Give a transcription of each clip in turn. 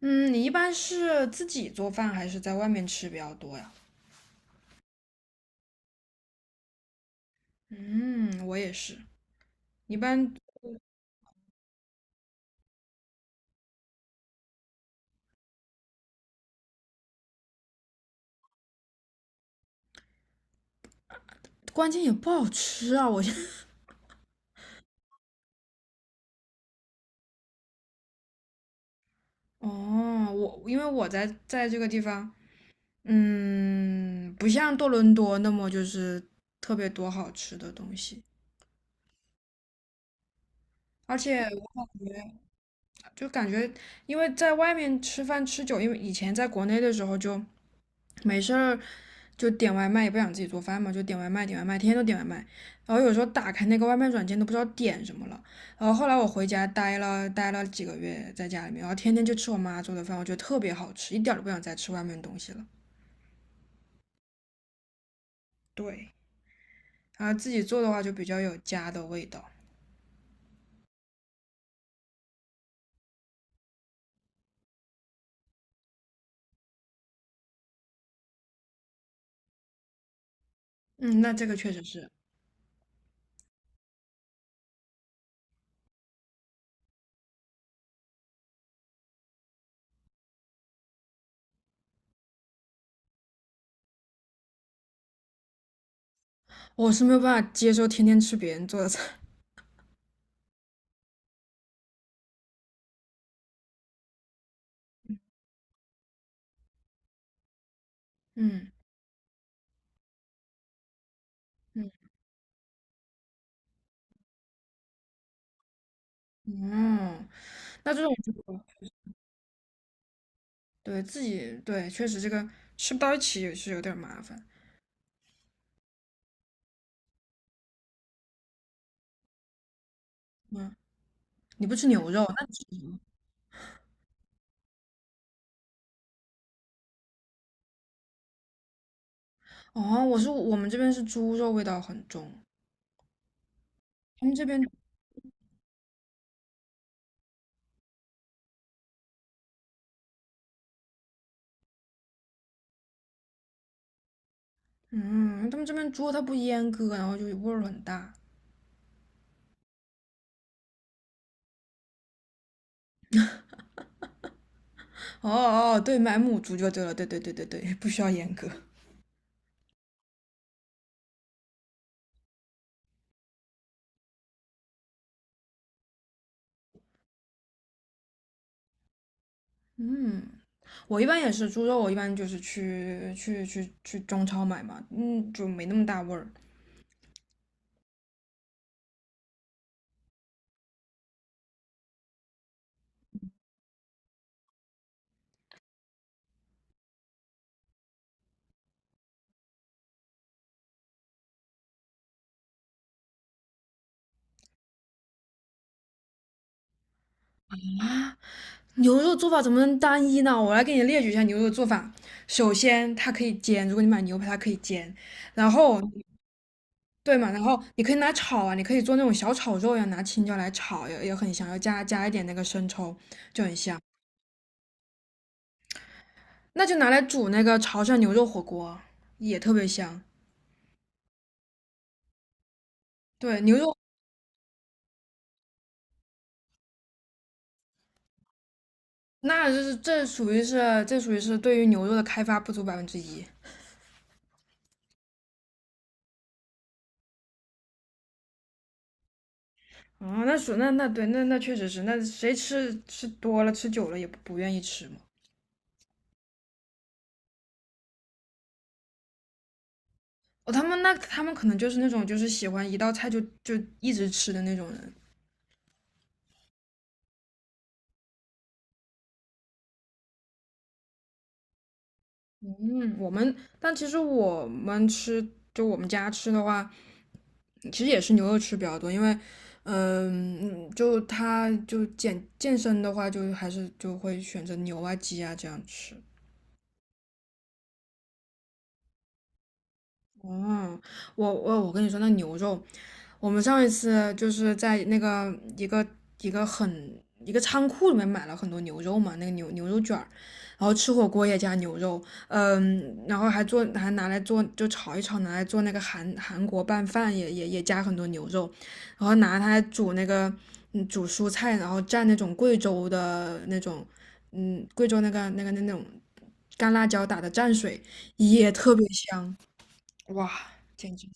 嗯，你一般是自己做饭还是在外面吃比较多呀？嗯，我也是，一般，关键也不好吃啊！我现在 哦，我因为我在这个地方，嗯，不像多伦多那么就是特别多好吃的东西，而且我感觉就感觉，因为在外面吃饭吃久，因为以前在国内的时候就没事儿就点外卖，也不想自己做饭嘛，就点外卖，点外卖，天天都点外卖。然后有时候打开那个外卖软件都不知道点什么了。然后后来我回家待了几个月，在家里面，然后天天就吃我妈做的饭，我觉得特别好吃，一点都不想再吃外面的东西了。对，然后自己做的话就比较有家的味道。嗯，那这个确实是，我是没有办法接受天天吃别人做的菜。嗯嗯嗯。那这种就对，自己，对，确实这个吃不到一起也是有点儿麻烦。嗯，你不吃牛肉？那哦，我们这边是猪肉味道很重，他们这边嗯，他们这边猪它不阉割，然后就味儿很大。哦哦，对，买母猪就对了，对对对对对，不需要阉割。嗯，我一般也是猪肉，我一般就是去中超买嘛，嗯，就没那么大味儿。啊牛肉做法怎么能单一呢？我来给你列举一下牛肉做法。首先，它可以煎，如果你买牛排，它可以煎。然后，对嘛，然后你可以拿炒啊，你可以做那种小炒肉呀，拿青椒来炒，也很香，要加一点那个生抽，就很香。那就拿来煮那个潮汕牛肉火锅，也特别香。对，牛肉，那就是这属于是对于牛肉的开发不足百分之一。哦，那属那那对那那确实是，那谁吃多了吃久了也不愿意吃嘛。哦，他们可能就是那种就是喜欢一道菜就一直吃的那种人。嗯，我们，但其实我们吃，就我们家吃的话，其实也是牛肉吃比较多，因为嗯，就他就健身的话，就还是就会选择牛啊鸡啊这样吃。哦，我跟你说，那牛肉，我们上一次就是在那个一个很一个仓库里面买了很多牛肉嘛，那个牛肉卷儿，然后吃火锅也加牛肉，嗯，然后还拿来做就炒一炒，拿来做那个韩国拌饭也加很多牛肉，然后拿它来煮那个煮蔬菜，然后蘸那种贵州的那种嗯贵州那个那个那那种干辣椒打的蘸水也特别香。哇，简直！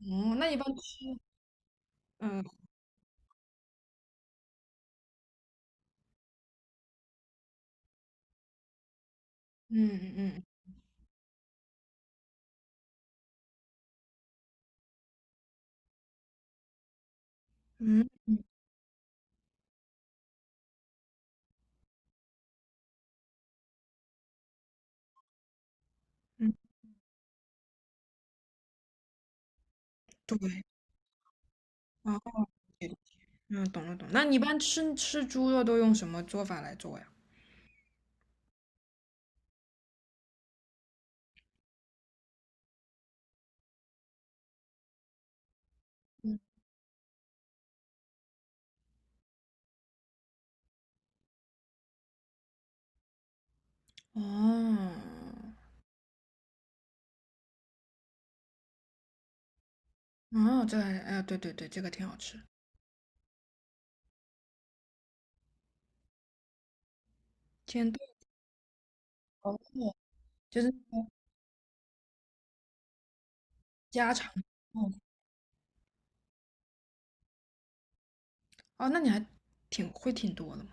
哦，那一般吃，嗯嗯嗯嗯嗯，对，啊，对，嗯，懂了懂了。那你一般吃猪肉都用什么做法来做呀？哦，哦，这还，哎，对对对，这个挺好吃，煎炖，哦，就是那个家常。哦，哦，那你还挺多的。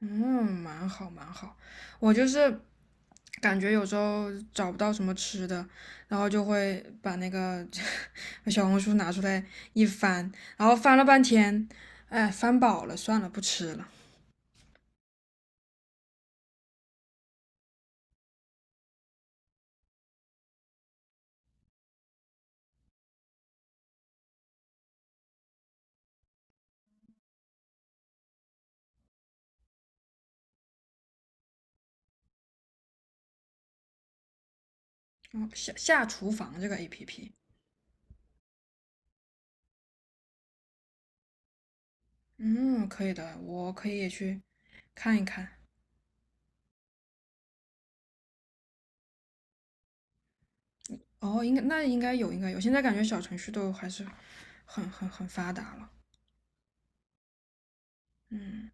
嗯，蛮好蛮好。我就是感觉有时候找不到什么吃的，然后就会把那个 把小红书拿出来一翻，然后翻了半天，哎，翻饱了，算了，不吃了。哦，下厨房这个 APP,嗯，可以的，我可以也去看一看。哦，应该有，应该有。现在感觉小程序都还是很发达了。嗯。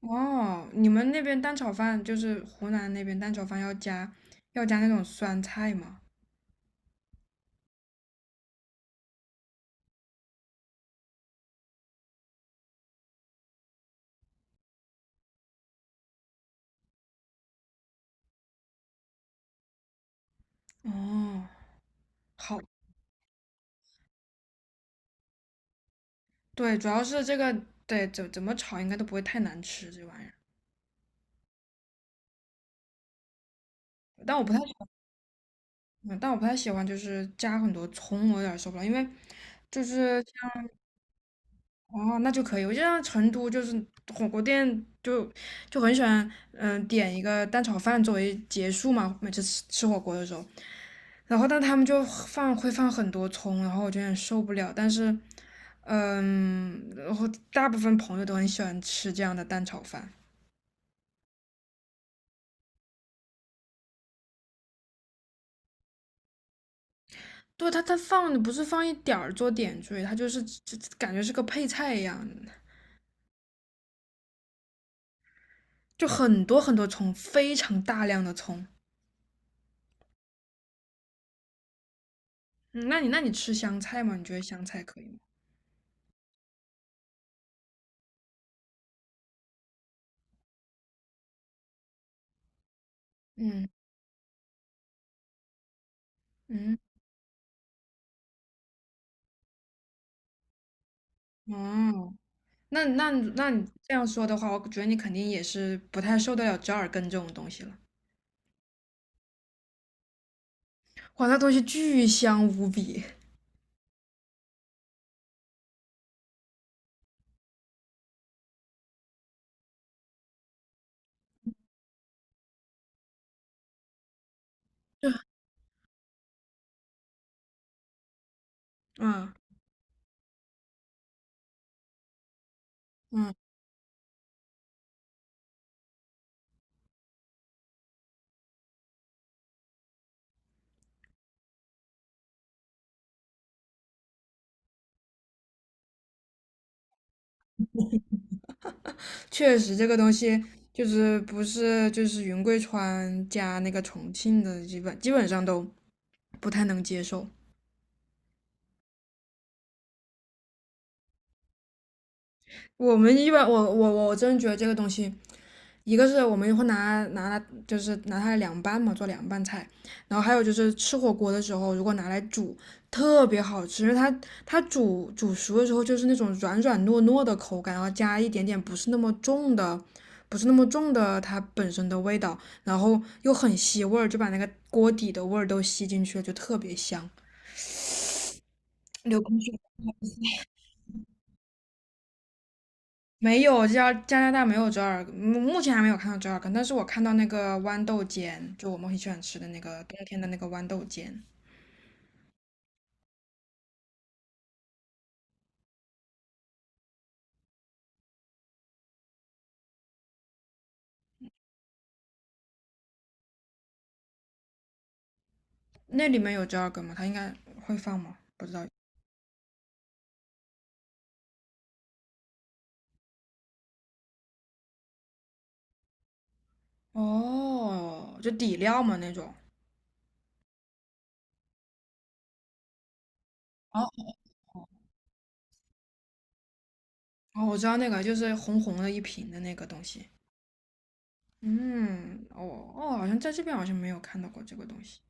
哦，你们那边蛋炒饭就是湖南那边蛋炒饭要加那种酸菜吗？哦，好，对，主要是这个，对，怎么炒应该都不会太难吃这玩意儿。但我不太喜但我不太喜欢就是加很多葱，我有点受不了，因为就是像哦，那就可以。我就像成都就是火锅店就很喜欢，嗯、点一个蛋炒饭作为结束嘛，每次吃火锅的时候，然后但他们会放很多葱，然后我就有点受不了。但是，嗯，然后大部分朋友都很喜欢吃这样的蛋炒饭。对，它放的不是放一点儿做点缀，它就感觉是个配菜一样，就很多很多葱，非常大量的葱。嗯，那你吃香菜吗？你觉得香菜可以吗？嗯。嗯，哦，那你这样说的话，我觉得你肯定也是不太受得了折耳根这种东西了。哇，那东西巨香无比。对，嗯嗯，确实这个东西就是不是就是云贵川加那个重庆的，基本上都不太能接受。我们一般，我真觉得这个东西，一个是我们会拿它，就是拿它来凉拌嘛，做凉拌菜。然后还有就是吃火锅的时候，如果拿来煮，特别好吃，因为它煮熟的时候就是那种软软糯糯的口感，然后加一点点不是那么重的，不是那么重的它本身的味道，然后又很吸味儿，就把那个锅底的味儿都吸进去了，就特别香。流口水，没有，加拿大没有折耳根，目前还没有看到折耳根，但是我看到那个豌豆尖，就我们很喜欢吃的那个冬天的那个豌豆尖，那里面有折耳根吗？它应该会放吗？不知道。哦，就底料嘛那种。哦哦，我知道那个，就是红红的一瓶的那个东西。嗯，哦哦，好像在这边好像没有看到过这个东西。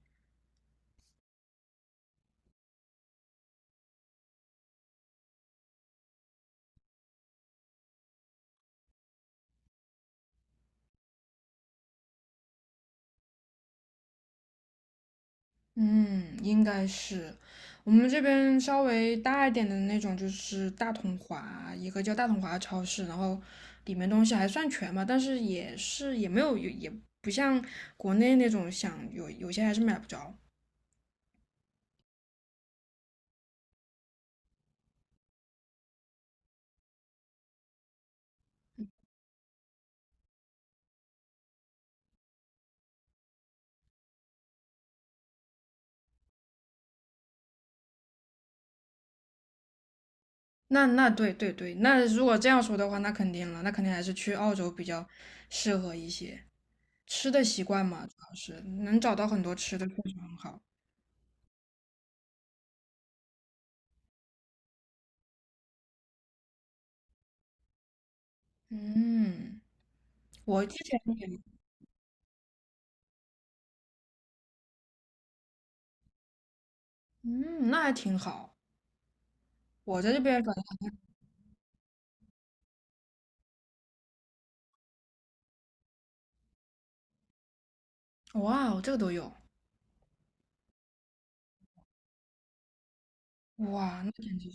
嗯，应该是我们这边稍微大一点的那种，就是大统华，一个叫大统华的超市，然后里面东西还算全吧，但是也是，也没有，也不像国内那种，想有些还是买不着。那对对对，那如果这样说的话，那肯定了，那肯定还是去澳洲比较适合一些。吃的习惯嘛，主要是能找到很多吃的，确实很好。嗯，我之前也，嗯，那还挺好。我在这边。哇哦，这个都有，哇，那简直，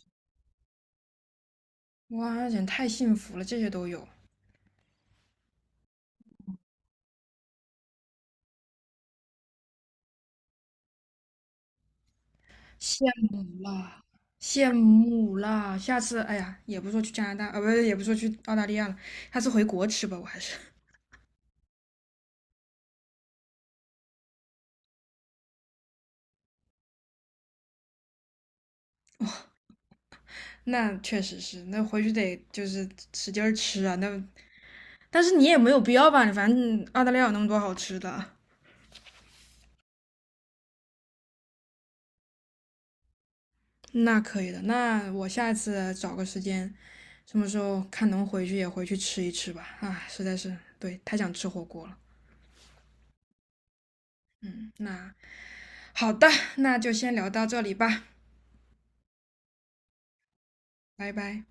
哇，那简直太幸福了，这些都有，羡慕啦，羡慕啦，下次，哎呀，也不说去加拿大，啊，不是，也不说去澳大利亚了，下次回国吃吧，我还是，那确实是，那回去得就是使劲儿吃啊，那，但是你也没有必要吧，反正澳大利亚有那么多好吃的，那可以的，那我下次找个时间，什么时候看能回去也回去吃一吃吧，啊，实在是，对，太想吃火锅了，嗯，那。好的，那就先聊到这里吧，拜拜。